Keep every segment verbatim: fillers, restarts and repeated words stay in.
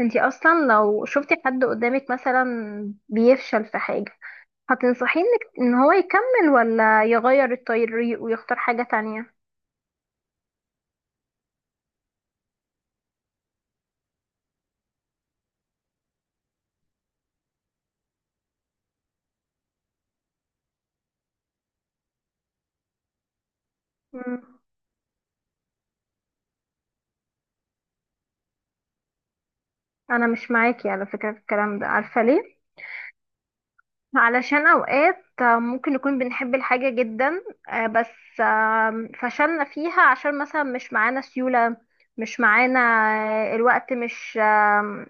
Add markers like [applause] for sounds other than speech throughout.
انتي اصلا لو شفتي حد قدامك مثلا بيفشل في حاجة، هتنصحيه انك ان هو يكمل ولا يغير الطريق ويختار حاجة تانية؟ مم. انا مش معاكي على فكرة في الكلام ده، عارفة ليه؟ علشان اوقات آه، ممكن نكون بنحب الحاجة جدا، آه، بس آه، فشلنا فيها عشان مثلا مش معانا سيولة، مش معانا، آه، الوقت مش آه،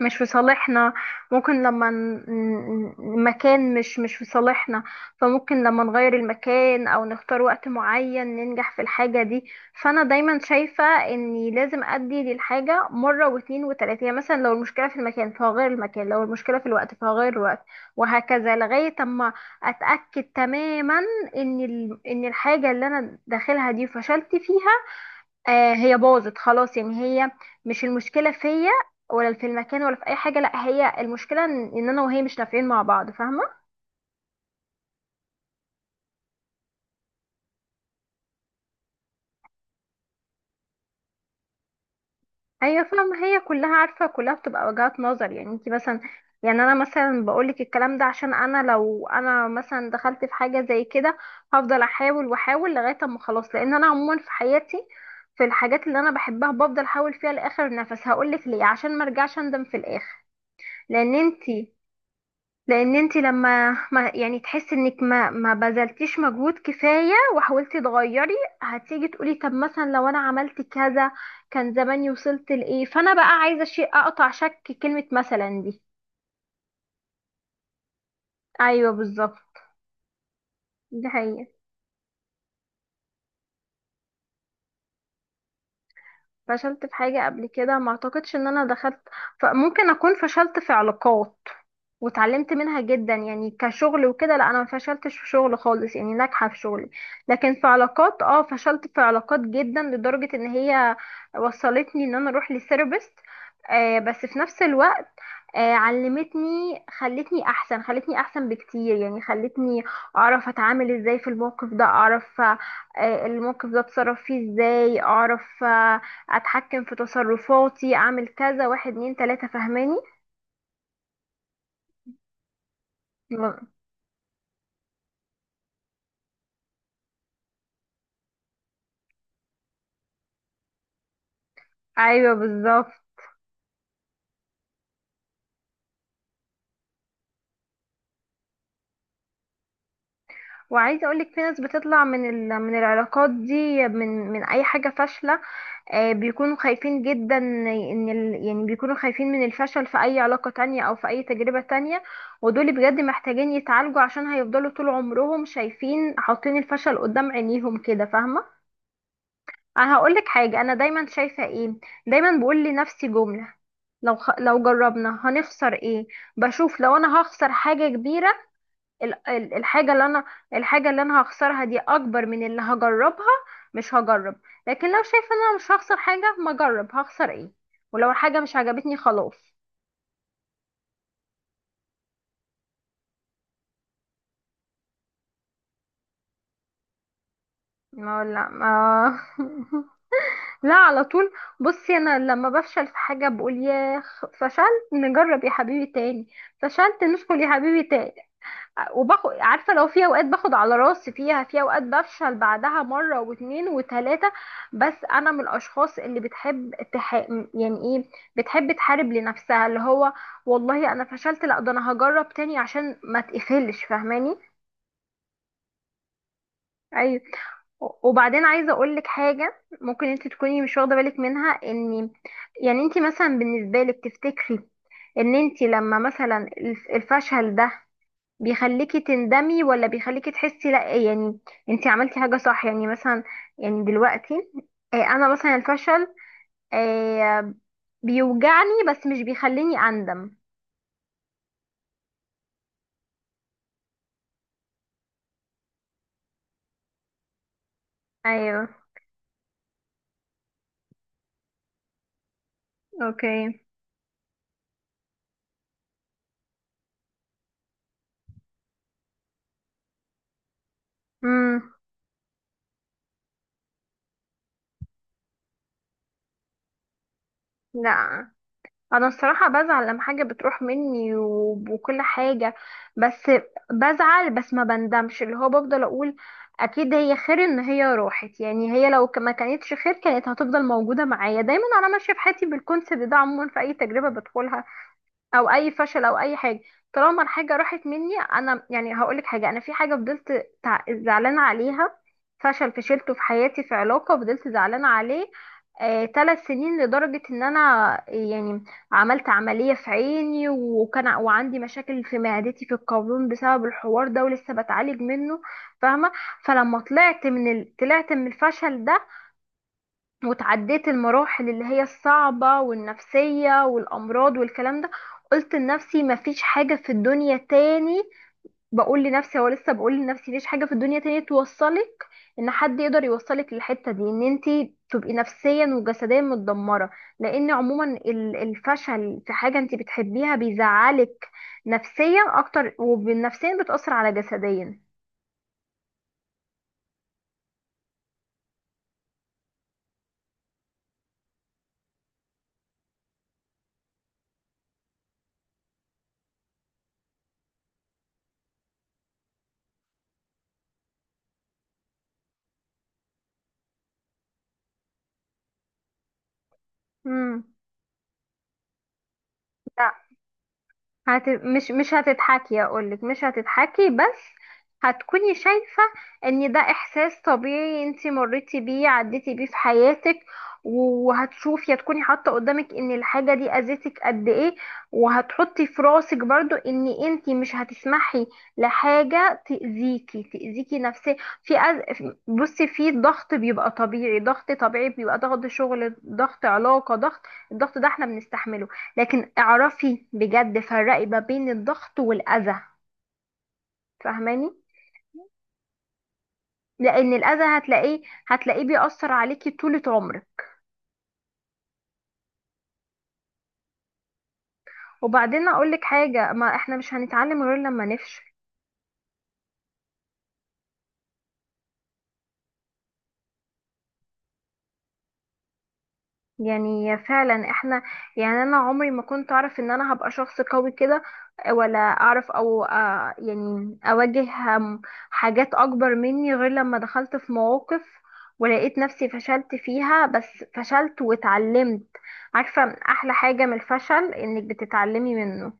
مش في صالحنا. ممكن لما ن- ن- المكان مش مش في صالحنا، فممكن لما نغير المكان او نختار وقت معين ننجح في الحاجة دي. فانا دايما شايفة اني لازم ادي للحاجة مرة واتنين وتلاتة، يعني مثلا لو المشكلة في المكان فهغير المكان، لو المشكلة في الوقت فهغير الوقت، وهكذا لغاية اما اتأكد تماما ان ال- ان الحاجة اللي انا داخلها دي فشلت فيها، آه هي باظت خلاص. يعني هي مش المشكلة فيا ولا في المكان ولا في اي حاجة، لا، هي المشكلة ان إن انا وهي مش نافعين مع بعض، فاهمة. ايوه، فاهمة، هي كلها عارفة كلها بتبقى وجهات نظر. يعني انت مثلا، يعني انا مثلا بقولك الكلام ده عشان انا لو انا مثلا دخلت في حاجة زي كده هفضل احاول واحاول لغاية اما خلاص. لان انا عموما في حياتي، في الحاجات اللي انا بحبها بفضل احاول فيها لاخر نفس. هقولك ليه، عشان ما ارجعش اندم في الاخر. لان انت لان انت لما ما يعني تحسي انك ما ما بذلتيش مجهود كفايه وحاولتي تغيري، هتيجي تقولي طب مثلا لو انا عملت كذا كان زماني وصلت لايه. فانا بقى عايزه شيء اقطع شك كلمه مثلا دي. ايوه بالظبط. ده حقيقي. فشلت في حاجه قبل كده؟ ما اعتقدش ان انا دخلت، فممكن اكون فشلت في علاقات واتعلمت منها جدا. يعني كشغل وكده لا، انا ما فشلتش في شغل خالص، يعني ناجحه في شغلي. لكن في علاقات، اه فشلت في علاقات جدا لدرجه ان هي وصلتني ان انا اروح لثيرابيست. آه بس في نفس الوقت آه علمتني، خلتني احسن، خلتني احسن بكتير. يعني خلتني اعرف اتعامل ازاي في الموقف ده، اعرف، آه الموقف ده اتصرف فيه ازاي، اعرف، آه اتحكم في تصرفاتي، اعمل كذا، واحد اتنين تلاته، فاهماني. م- ايوه بالظبط. وعايزه اقولك في ناس بتطلع من ال... من العلاقات دي، من من اي حاجه فاشله، آه، بيكونوا خايفين جدا ان ال... يعني بيكونوا خايفين من الفشل في اي علاقه تانية او في اي تجربه تانية. ودول بجد محتاجين يتعالجوا عشان هيفضلوا طول عمرهم شايفين، حاطين الفشل قدام عينيهم كده، فاهمه. انا هقولك حاجه انا دايما شايفه ايه. دايما بقول لنفسي جمله، لو خ... لو جربنا هنخسر ايه؟ بشوف لو انا هخسر حاجه كبيره، ال- ال- الحاجة اللي انا الحاجة اللي انا هخسرها دي اكبر من اللي هجربها، مش هجرب. لكن لو شايفة ان انا مش هخسر حاجة، ما اجرب، هخسر ايه؟ ولو الحاجة مش عجبتني خلاص. ما لا ما [laughs] لا، على طول. بصي، انا لما بفشل في حاجة بقول يا فشلت نجرب يا حبيبي تاني، فشلت ندخل يا حبيبي تاني. وباخد، عارفه، لو في اوقات باخد على راسي فيها، في اوقات بفشل بعدها مره واتنين وتلاته. بس انا من الاشخاص اللي بتحب تح... يعني ايه، بتحب تحارب لنفسها، اللي هو والله انا فشلت، لا ده انا هجرب تاني عشان ما تقفلش، فاهماني. ايوه. وبعدين عايزه اقول لك حاجه ممكن انت تكوني مش واخده بالك منها. ان يعني انت مثلا بالنسبه لك، تفتكري ان انت لما مثلا الف- الفشل ده بيخليكي تندمي ولا بيخليكي تحسي لا، يعني انتي عملتي حاجة صح؟ يعني مثلا، يعني دلوقتي، آه، انا مثلا الفشل آه، بيوجعني بس مش بيخليني اندم. ايوه. اوكي. امم. لا، انا الصراحه بزعل لما حاجه بتروح مني وب- وكل حاجه، بس بزعل بس ما بندمش، اللي هو بفضل اقول اكيد هي خير ان هي راحت، يعني هي لو ك- ما كانتش خير كانت هتفضل موجوده معايا. دايما انا ماشيه في حياتي بالكونسيبت ده عموما في اي تجربه بدخلها او اي فشل او اي حاجه طالما الحاجه راحت مني. انا يعني هقولك حاجه، انا في حاجه فضلت تع- زعلانه عليها، فشل فشلته في حياتي في علاقه فضلت زعلانه عليه آه، ثلاث سنين، لدرجة ان انا يعني عملت عملية في عيني، وكان ع- وعندي مشاكل في معدتي في القولون بسبب الحوار ده ولسه بتعالج منه، فاهمة. فلما طلعت من ال... طلعت من الفشل ده وتعديت المراحل اللي هي الصعبة والنفسية والأمراض والكلام ده، قلت لنفسي مفيش حاجة في الدنيا تاني، بقول لنفسي هو لسه بقول لنفسي مفيش حاجة في الدنيا تاني توصلك، ان حد يقدر يوصلك للحتة دي، ان انتي تبقي نفسيا وجسديا متدمرة. لان عموما ال- الفشل في حاجة انتي بتحبيها بيزعلك نفسيا اكتر، وبالنفسيا بتأثر على جسديا. مم. هت... مش مش هتتحكي، اقولك مش هتتحكي، بس هتكوني شايفة ان ده احساس طبيعي، انتي مريتي بيه، عديتي بيه في حياتك، و- وهتشوفي، هتكوني حاطة قدامك ان الحاجة دي اذتك قد ايه، وهتحطي في راسك برضو ان انتي مش هتسمحي لحاجة تأذيكي تأذيكي نفسيا. في أز... بصي، في ضغط بيبقى طبيعي، ضغط طبيعي بيبقى ضغط شغل، ضغط علاقة، ضغط، الضغط ده احنا بنستحمله. لكن اعرفي بجد فرقي ما بين الضغط والأذى، فاهماني. لأن الأذى هتلاقيه هتلاقيه بيأثر عليكي طولة عمرك. وبعدين أقولك حاجة، ما احنا مش هنتعلم غير لما نفشل. يعني فعلا احنا، يعني انا عمري ما كنت اعرف ان انا هبقى شخص قوي كده، ولا اعرف او آه، يعني اواجه آم، حاجات اكبر مني غير لما دخلت في مواقف ولقيت نفسي فشلت فيها، بس فشلت واتعلمت. عارفة، احلى حاجة من الفشل انك بتتعلمي منه.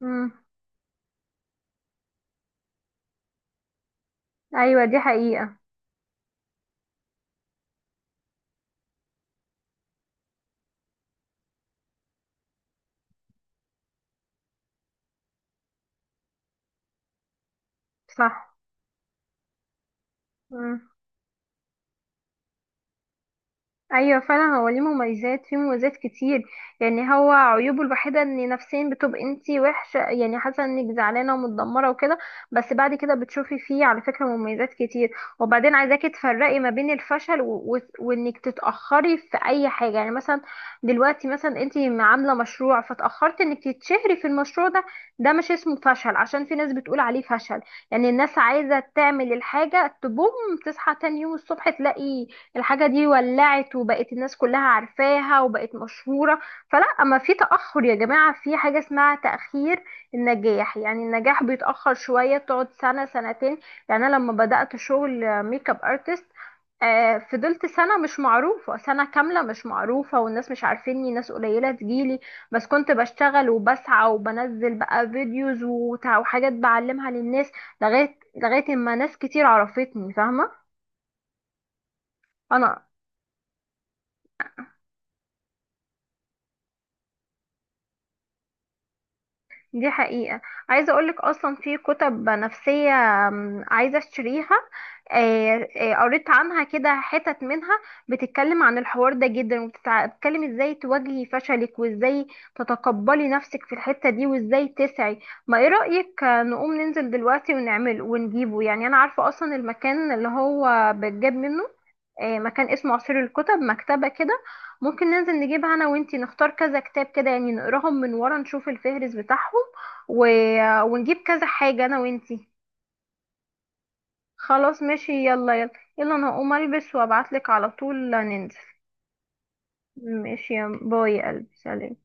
مم. ايوه، دي حقيقة. صح. مم. ايوه فعلا، هو ليه مميزات، فيه مميزات كتير. يعني هو عيوبه الوحيده ان نفسيا بتبقى انتي وحشه، يعني حاسه انك زعلانه ومتدمره وكده، بس بعد كده بتشوفي فيه على فكره مميزات كتير. وبعدين عايزاكي تفرقي ما بين الفشل و... و... وانك تتاخري في اي حاجه. يعني مثلا دلوقتي مثلا انتي عامله مشروع فتاخرت انك تتشهري في المشروع ده، ده مش اسمه فشل عشان في ناس بتقول عليه فشل. يعني الناس عايزه تعمل الحاجه تبوم، تصحى تاني يوم الصبح تلاقي الحاجة دي ولعت وبقت الناس كلها عارفاها وبقت مشهورة. فلا، أما في تأخر يا جماعة، في حاجة اسمها تأخير النجاح، يعني النجاح بيتأخر شوية، بتقعد سنة سنتين. يعني أنا لما بدأت شغل ميك اب ارتست، آه، فضلت سنة مش معروفة، سنة كاملة مش معروفة، والناس مش عارفيني، ناس قليلة تجيلي، بس كنت بشتغل وبسعى وبنزل بقى فيديوز وتع- وحاجات بعلمها للناس، لغاية لغاية ما ناس كتير عرفتني، فاهمة. انا، دي حقيقة. عايزة اقولك اصلا في كتب نفسية، أم، عايزة اشتريها، آه، آه، قريت عنها كده حتت منها، بتتكلم عن الحوار ده جدا وبتتكلم ازاي تواجهي فشلك وازاي تتقبلي نفسك في الحتة دي وازاي تسعي. ما ايه رأيك، آه، نقوم ننزل دلوقتي ونعمل ونجيبه؟ يعني انا عارفة اصلا المكان اللي هو بتجاب منه، آه، مكان اسمه عصير الكتب، مكتبة كده. ممكن ننزل نجيبها انا وانتي، نختار كذا كتاب كده، يعني نقراهم من ورا، نشوف الفهرس بتاعهم و... ونجيب كذا حاجة انا وانتي. خلاص ماشي، يلا يلا. يلا، انا هقوم البس وابعتلك على طول ننزل. ماشي، يا باي يا قلبي، سلام.